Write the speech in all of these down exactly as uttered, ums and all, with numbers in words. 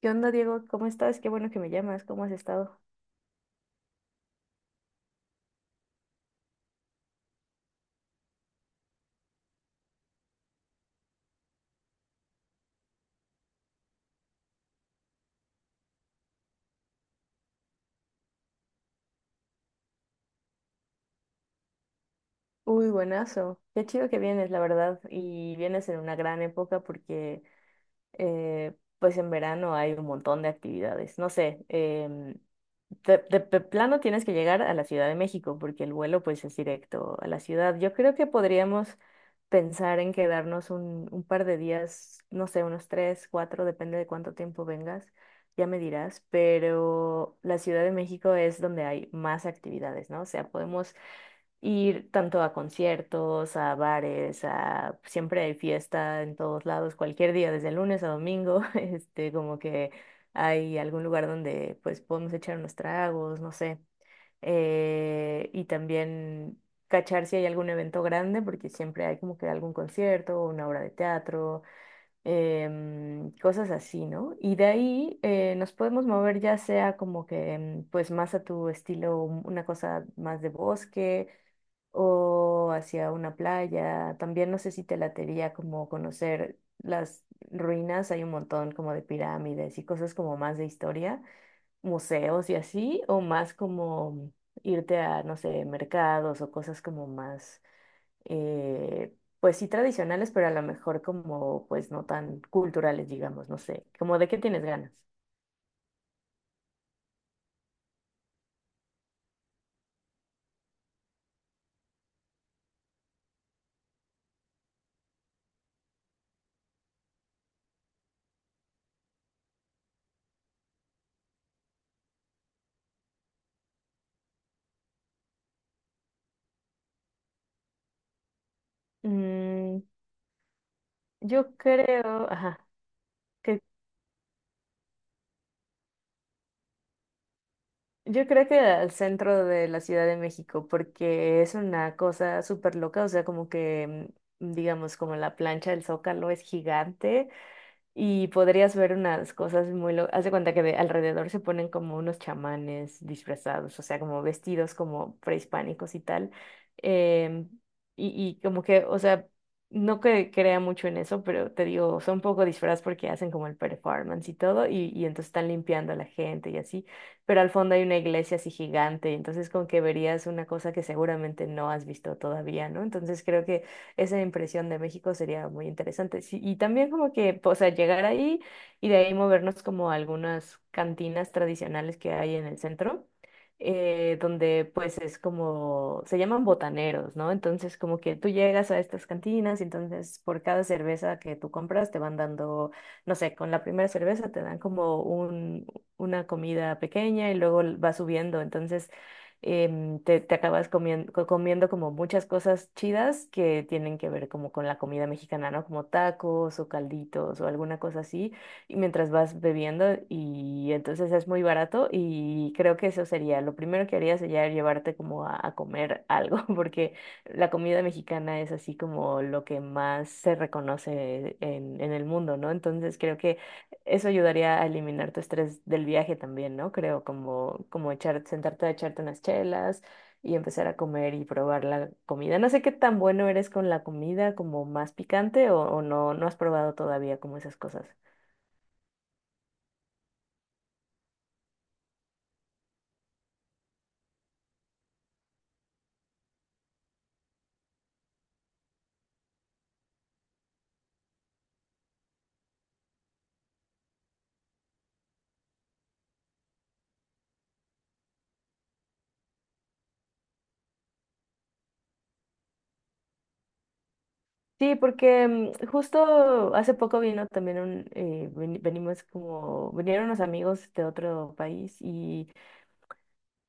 ¿Qué onda, Diego? ¿Cómo estás? Qué bueno que me llamas. ¿Cómo has estado? Uy, buenazo. Qué chido que vienes, la verdad. Y vienes en una gran época porque, eh, pues en verano hay un montón de actividades. No sé, em, de, de pe- plano tienes que llegar a la Ciudad de México porque el vuelo pues es directo a la ciudad. Yo creo que podríamos pensar en quedarnos un, un par de días, no sé, unos tres, cuatro, depende de cuánto tiempo vengas, ya me dirás, pero la Ciudad de México es donde hay más actividades, ¿no? O sea, podemos ir tanto a conciertos, a bares, a siempre hay fiesta en todos lados, cualquier día, desde lunes a domingo, este, como que hay algún lugar donde pues podemos echar unos tragos, no sé. Eh, y también cachar si hay algún evento grande, porque siempre hay como que algún concierto o una obra de teatro, em, cosas así, ¿no? Y de ahí eh, nos podemos mover ya sea como que em, pues más a tu estilo, una cosa más de bosque o hacia una playa. También no sé si te latería como conocer las ruinas, hay un montón como de pirámides y cosas como más de historia, museos y así, o más como irte a, no sé, mercados o cosas como más, eh, pues sí tradicionales, pero a lo mejor como pues no tan culturales, digamos, no sé, como de qué tienes ganas. Mm, yo creo, ajá. Yo creo que al centro de la Ciudad de México, porque es una cosa súper loca, o sea, como que, mm, digamos, como la plancha del Zócalo es gigante y podrías ver unas cosas muy locas. Haz de cuenta que de alrededor se ponen como unos chamanes disfrazados, o sea, como vestidos como prehispánicos y tal. Em, y, y como que, o sea, no que crea mucho en eso, pero te digo, son un poco disfraz porque hacen como el performance y todo, y, y entonces están limpiando a la gente y así. Pero al fondo hay una iglesia así gigante, entonces como que verías una cosa que seguramente no has visto todavía, ¿no? Entonces creo que esa impresión de México sería muy interesante. Sí, y también como que, pues, o sea, llegar ahí y de ahí movernos como a algunas cantinas tradicionales que hay en el centro. Eh, donde pues es como, se llaman botaneros, ¿no? Entonces como que tú llegas a estas cantinas y entonces por cada cerveza que tú compras te van dando, no sé, con la primera cerveza te dan como un, una comida pequeña y luego l- va subiendo. Entonces em, te, te acabas comiendo, comiendo como muchas cosas chidas que tienen que ver como con la comida mexicana, ¿no? Como tacos o calditos o alguna cosa así, y mientras vas bebiendo y entonces es muy barato y creo que eso sería, lo primero que haría sería llevarte como a, a comer algo, porque la comida mexicana es así como lo que más se reconoce en, en el mundo, ¿no? Entonces creo que eso ayudaría a eliminar tu estrés del viaje también, ¿no? Creo, como, como echar, sentarte a echarte unas chelas y empezar a comer y probar la comida. No sé qué tan bueno eres con la comida, como más picante o, o no, no has probado todavía como esas cosas. Sí, porque mm, justo hace poco vino también un, eh, veni- venimos como, vinieron unos amigos de otro país y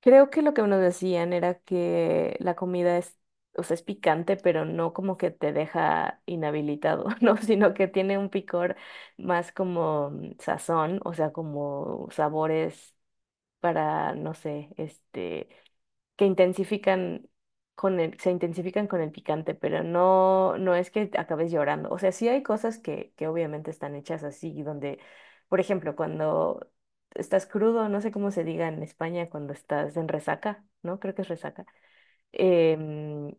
creo que lo que nos decían era que la comida es, o sea, es picante, pero no como que te deja inhabilitado, ¿no? Sino que tiene un picor más como mm, sazón, o sea, como sabores para, no sé, este, que intensifican con el, se intensifican con el picante, pero no, no es que acabes llorando. O sea, sí hay cosas que, que obviamente están hechas así, donde, por ejemplo, cuando estás crudo, no sé cómo se diga en España cuando estás en resaca, ¿no? Creo que es resaca. Em,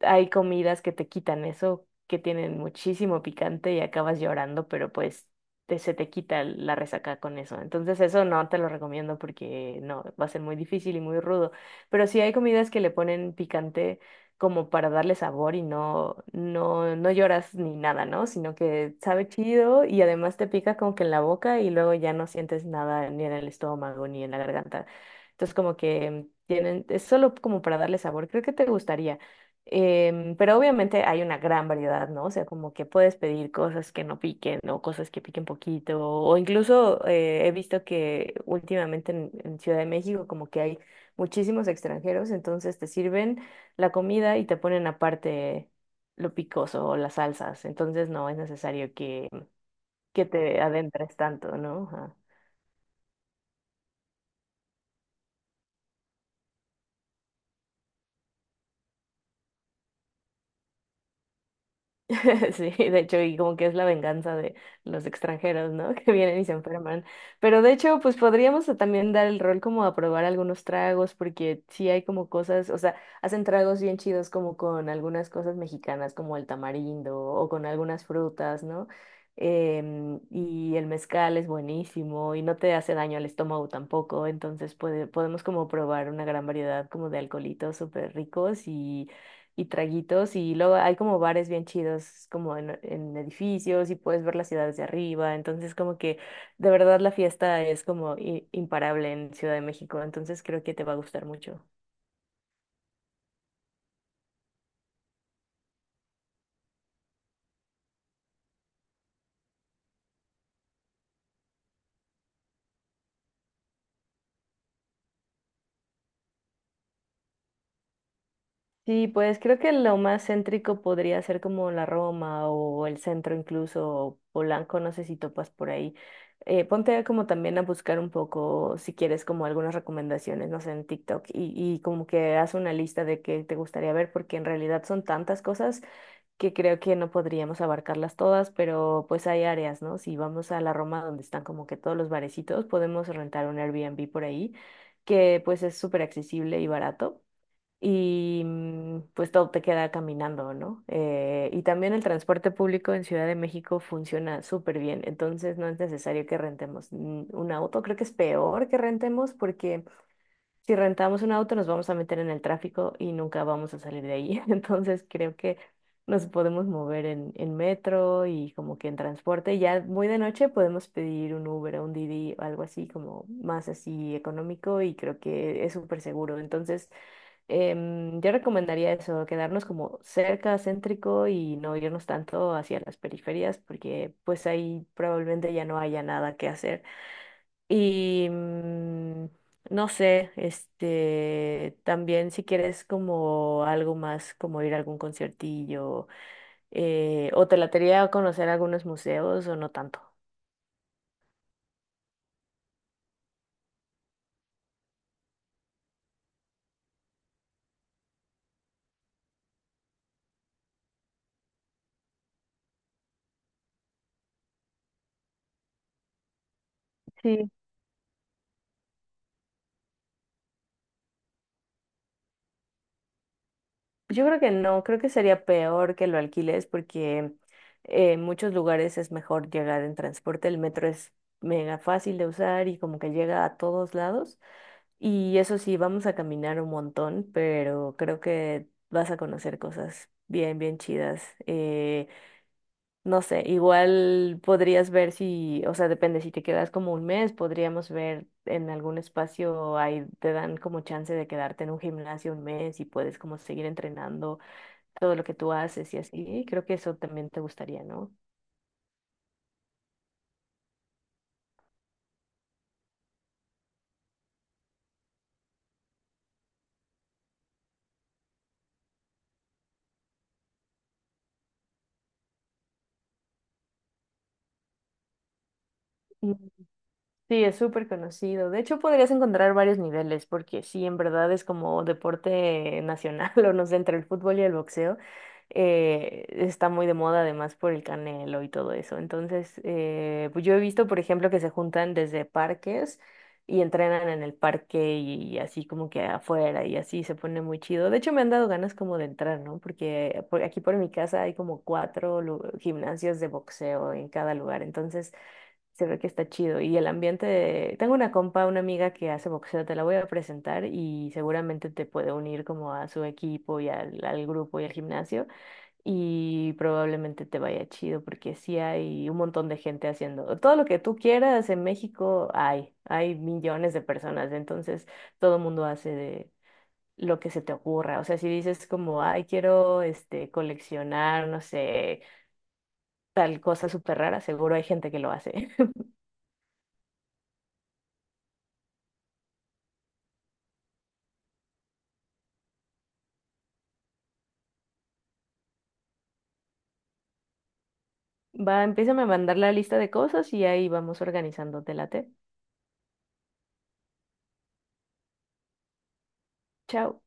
Hay comidas que te quitan eso, que tienen muchísimo picante y acabas llorando, pero pues te- se te quita la resaca con eso. Entonces eso no te lo recomiendo porque no, va a ser muy difícil y muy rudo. Pero sí hay comidas que le ponen picante como para darle sabor y no, no, no lloras ni nada, ¿no? Sino que sabe chido y además te pica como que en la boca y luego ya no sientes nada ni en el estómago ni en la garganta. Entonces como que tienen, es solo como para darle sabor. Creo que te gustaría. Em, pero obviamente hay una gran variedad, ¿no? O sea, como que puedes pedir cosas que no piquen o cosas que piquen poquito, o incluso eh, he visto que últimamente en, en Ciudad de México como que hay muchísimos extranjeros, entonces te sirven la comida y te ponen aparte lo picoso o las salsas, entonces no es necesario que, que, te adentres tanto, ¿no? Sí, de hecho, y como que es la venganza de los extranjeros, ¿no? Que vienen y se enferman. Pero de hecho, pues podríamos también dar el rol como a probar algunos tragos, porque sí hay como cosas, o sea, hacen tragos bien chidos como con algunas cosas mexicanas, como el tamarindo o con algunas frutas, ¿no? Em, y el mezcal es buenísimo y no te hace daño al estómago tampoco, entonces puede, podemos como probar una gran variedad como de alcoholitos súper ricos y y traguitos y luego hay como bares bien chidos como en, en edificios y puedes ver las ciudades de arriba, entonces como que de verdad la fiesta es como i- imparable en Ciudad de México, entonces creo que te va a gustar mucho. Sí, pues creo que lo más céntrico podría ser como la Roma o el centro incluso, o Polanco, no sé si topas por ahí. Eh, ponte como también a buscar un poco, si quieres, como algunas recomendaciones, no sé, en TikTok y, y como que haz una lista de qué te gustaría ver, porque en realidad son tantas cosas que creo que no podríamos abarcarlas todas, pero pues hay áreas, ¿no? Si vamos a la Roma donde están como que todos los barecitos, podemos rentar un Airbnb por ahí, que pues es súper accesible y barato. Y mm, pues todo te queda caminando, ¿no? Eh, y también el transporte público en Ciudad de México funciona súper bien, entonces no es necesario que rentemos mm, un auto, creo que es peor que rentemos porque si rentamos un auto nos vamos a meter en el tráfico y nunca vamos a salir de ahí. Entonces creo que nos podemos mover en, en metro y como que en transporte. Y Ya muy de noche podemos pedir un Uber o un Didi, algo así como más así económico y creo que es súper seguro. Entonces em, yo recomendaría eso, quedarnos como cerca, céntrico y no irnos tanto hacia las periferias porque pues ahí probablemente ya no haya nada que hacer. Y mm, no sé, este, también si quieres como algo más, como ir a algún conciertillo, eh, o te latería conocer algunos museos o no tanto. Sí, yo creo que no, creo que sería peor que lo alquiles porque eh, en muchos lugares es mejor llegar en transporte, el metro es mega fácil de usar y como que llega a todos lados. Y eso sí, vamos a caminar un montón, pero creo que vas a conocer cosas bien, bien chidas. Eh, no sé, igual podrías ver si, o sea, depende, si te quedas como un mes, podríamos ver en algún espacio, ahí te dan como chance de quedarte en un gimnasio un mes y puedes como seguir entrenando todo lo que tú haces y así. Creo que eso también te gustaría, ¿no? Sí, es súper conocido. De hecho, podrías encontrar varios niveles, porque sí, en verdad es como deporte nacional, o no sé, entre el fútbol y el boxeo. eh, está muy de moda además por el Canelo y todo eso. Entonces, eh, pues yo he visto, por ejemplo, que se juntan desde parques y entrenan en el parque y, así como que afuera y así se pone muy chido. De hecho, me han dado ganas como de entrar, ¿no? Porque por- aquí por mi casa hay como cuatro lu- gimnasios de boxeo en cada lugar. Entonces... Se ve que está chido. Y el ambiente de... Tengo una compa, una amiga que hace boxeo, te la voy a presentar y seguramente te puede unir como a su equipo y al, al grupo y al gimnasio y probablemente te vaya chido porque sí hay, un montón de gente haciendo todo lo que tú quieras en México hay, hay millones de personas, entonces todo el mundo hace de lo que se te ocurra. O sea, si dices como, ay, quiero este coleccionar, no sé, tal cosa súper rara, seguro hay gente que lo hace. Va, empieza a mandar la lista de cosas y ahí vamos organizando te late. Chao.